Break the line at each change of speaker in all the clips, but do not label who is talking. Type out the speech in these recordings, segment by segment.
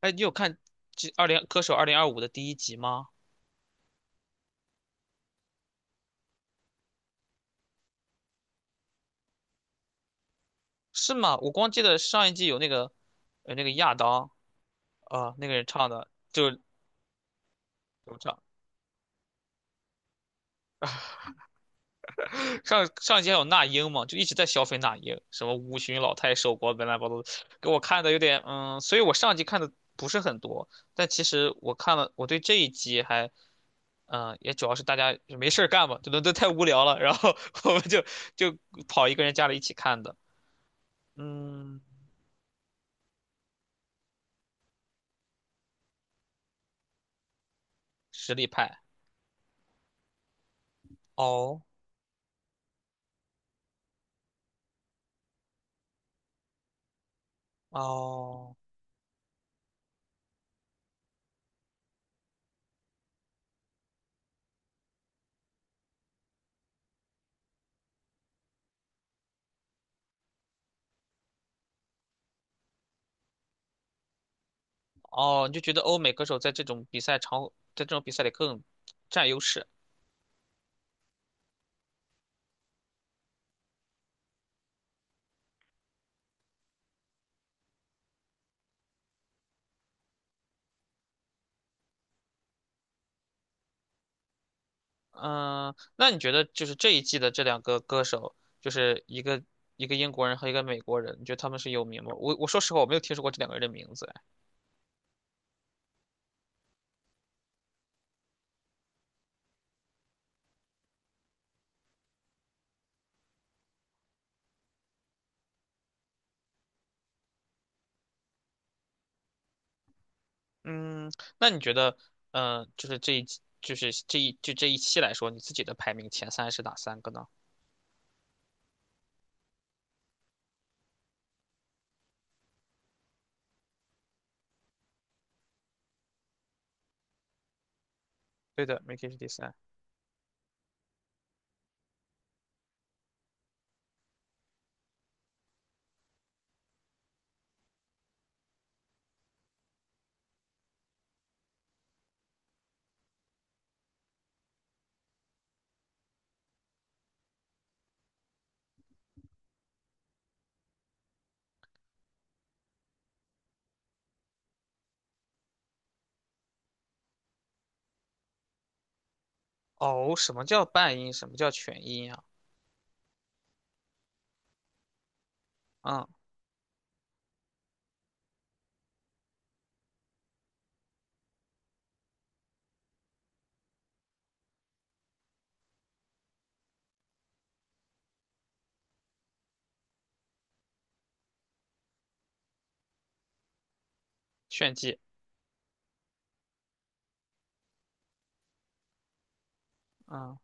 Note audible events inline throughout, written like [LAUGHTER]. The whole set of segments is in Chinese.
哎，你有看这歌手2025的第一集吗？是吗？我光记得上一季有那个，那个亚当啊、那个人唱的，就是怎么唱？上一季还有那英嘛，就一直在消费那英，什么五旬老太守国，本来把都给我看的有点，所以我上一季看的不是很多，但其实我看了，我对这一集还，也主要是大家没事儿干嘛，就伦都太无聊了，然后 [LAUGHS] 我们就跑一个人家里一起看的，嗯，实力派哦。哦哦，你就觉得欧美歌手在这种比赛场，在这种比赛里更占优势。嗯，那你觉得就是这一季的这两个歌手，就是一个一个英国人和一个美国人，你觉得他们是有名吗？我说实话，我没有听说过这两个人的名字。哎嗯，那你觉得，就是这一季，就是这一就这一期来说，你自己的排名前三是哪三个呢？对的 MI 是第三。哦，什么叫半音？什么叫全音啊？嗯，炫技。嗯。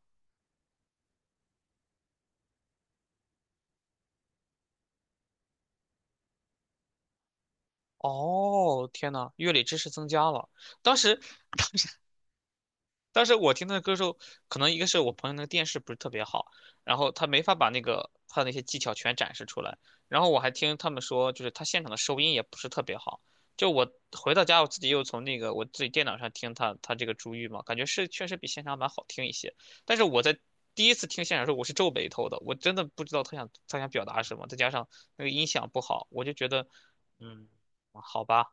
哦，天呐，乐理知识增加了。当时，我听他的歌时候，可能一个是我朋友那个电视不是特别好，然后他没法把那个他的那些技巧全展示出来。然后我还听他们说，就是他现场的收音也不是特别好。就我回到家，我自己又从那个我自己电脑上听他这个《珠玉》嘛，感觉是确实比现场版好听一些。但是我在第一次听现场的时候，我是皱眉头的，我真的不知道他想表达什么，再加上那个音响不好，我就觉得，嗯，好吧。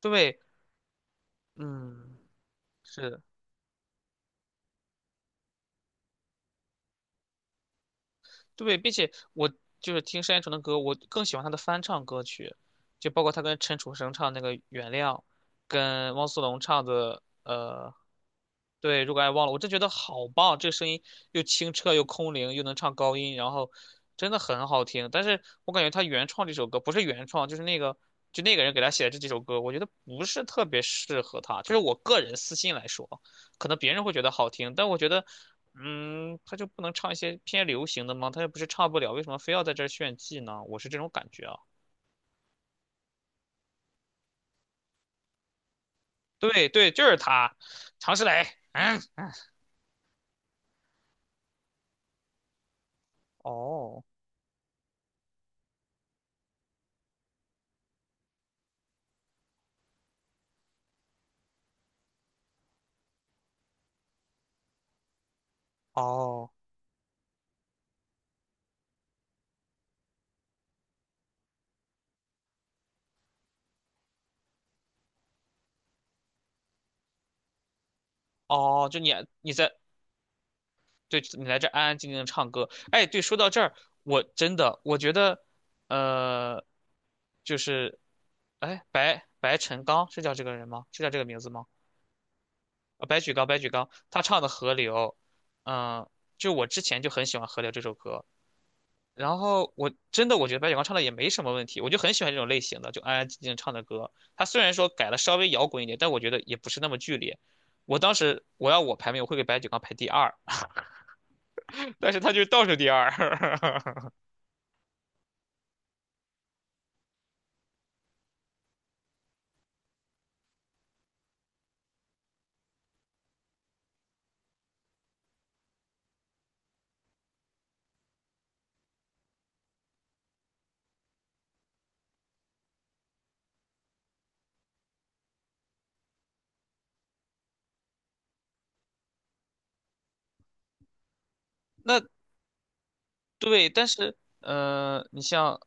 对，嗯，是的，对，并且我就是听单依纯的歌，我更喜欢她的翻唱歌曲，就包括她跟陈楚生唱那个《原谅》，跟汪苏泷唱的对，如果爱忘了，我真觉得好棒，这个声音又清澈又空灵，又能唱高音，然后真的很好听。但是我感觉她原创这首歌不是原创，就是那个就那个人给她写的这几首歌，我觉得不是特别适合她，就是我个人私心来说。可能别人会觉得好听，但我觉得，他就不能唱一些偏流行的吗？他又不是唱不了，为什么非要在这儿炫技呢？我是这种感觉啊。对对，就是他，常石磊。哦。哦哦，就你在对你来这安安静静的唱歌。哎，对，说到这儿，我真的我觉得，呃，就是，哎，白晨刚是叫这个人吗？是叫这个名字吗？白举纲，他唱的《河流》，嗯，就我之前就很喜欢《河流》这首歌，然后我真的我觉得白举纲唱的也没什么问题，我就很喜欢这种类型的，就安安静静唱的歌。他虽然说改了稍微摇滚一点，但我觉得也不是那么剧烈。我当时我要我排名，我会给白举纲排第二，[LAUGHS] 但是他就是倒数第二。[LAUGHS] 那对，但是你像，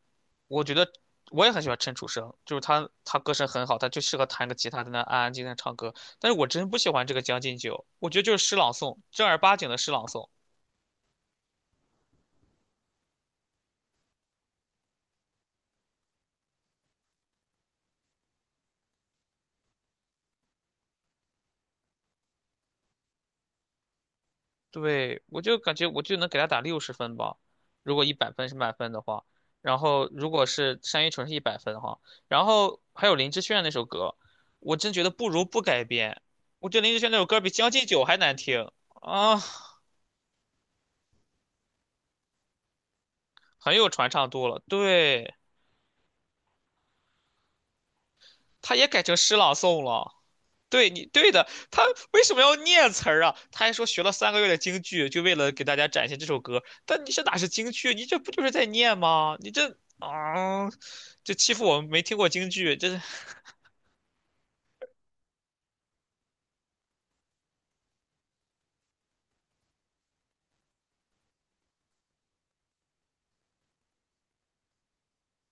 我觉得我也很喜欢陈楚生，就是他歌声很好，他就适合弹个吉他在那安安静静地唱歌。但是我真不喜欢这个《将进酒》，我觉得就是诗朗诵，正儿八经的诗朗诵。对，我就感觉我就能给他打60分吧，如果一百分是满分的话，然后如果是单依纯是一百分哈，然后还有林志炫那首歌，我真觉得不如不改编，我觉得林志炫那首歌比《将进酒》还难听啊，很有传唱度了，对。他也改成诗朗诵了。对。你对的，他为什么要念词儿啊？他还说学了3个月的京剧，就为了给大家展现这首歌。但你这哪是京剧？你这不就是在念吗？你这啊，这欺负我们没听过京剧，这是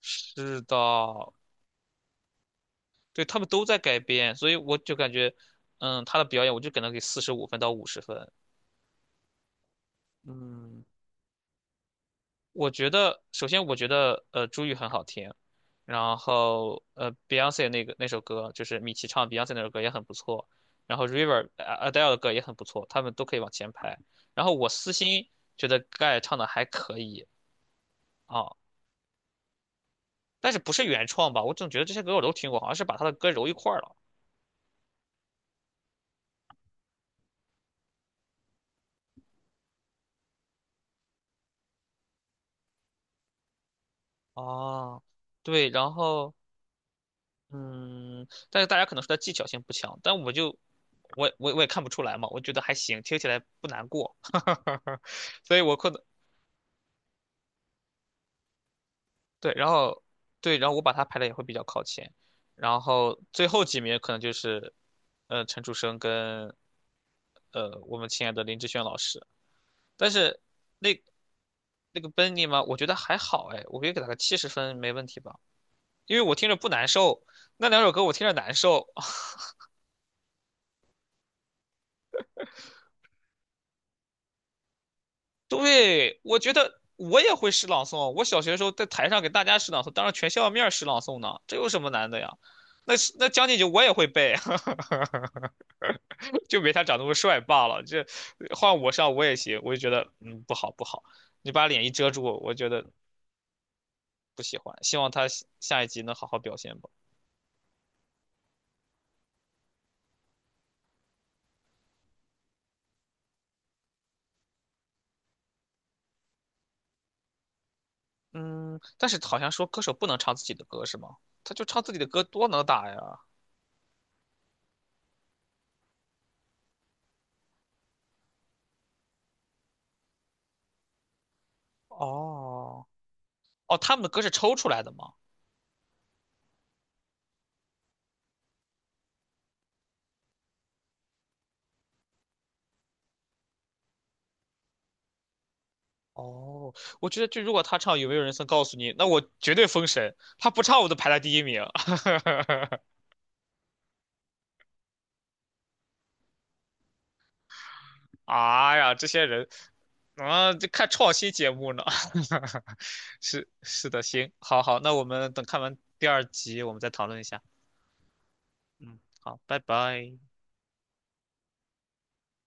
[LAUGHS] 是的，对他们都在改编，所以我就感觉，他的表演我就给他给45分到50分，嗯。我觉得，首先我觉得，朱玉很好听，然后Beyonce 那个那首歌，就是米奇唱 Beyonce 那首歌也很不错，然后 River Adele 的歌也很不错，他们都可以往前排。然后我私心觉得盖唱的还可以啊，但是不是原创吧？我总觉得这些歌我都听过，好像是把他的歌揉一块儿了啊。对，然后。嗯，但是大家可能说他技巧性不强，但我就我也看不出来嘛，我觉得还行，听起来不难过，[LAUGHS] 所以我可能对，然后对，然后我把他排的也会比较靠前，然后最后几名可能就是陈楚生跟我们亲爱的林志炫老师，但是那那个 Benny 嘛，我觉得还好哎，我可以给他个70分没问题吧，因为我听着不难受，那两首歌我听着难受，[LAUGHS] 对，我觉得我也会诗朗诵。我小学的时候在台上给大家诗朗诵，当着全校面儿诗朗诵呢，这有什么难的呀？那将进酒我也会背，[LAUGHS] 就没他长那么帅罢了。这换我上我也行，我就觉得不好不好，你把脸一遮住，我觉得不喜欢。希望他下下一集能好好表现吧。嗯，但是好像说歌手不能唱自己的歌是吗？他就唱自己的歌多能打呀。哦。哦，他们的歌是抽出来的吗？哦，我觉得就如果他唱《有没有人曾告诉你》，那我绝对封神。他不唱，我都排在第一名。[LAUGHS] 啊呀，这些人啊，这看创新节目呢。[LAUGHS] 是的，行，好好，那我们等看完第二集，我们再讨论一下。嗯，好，拜拜。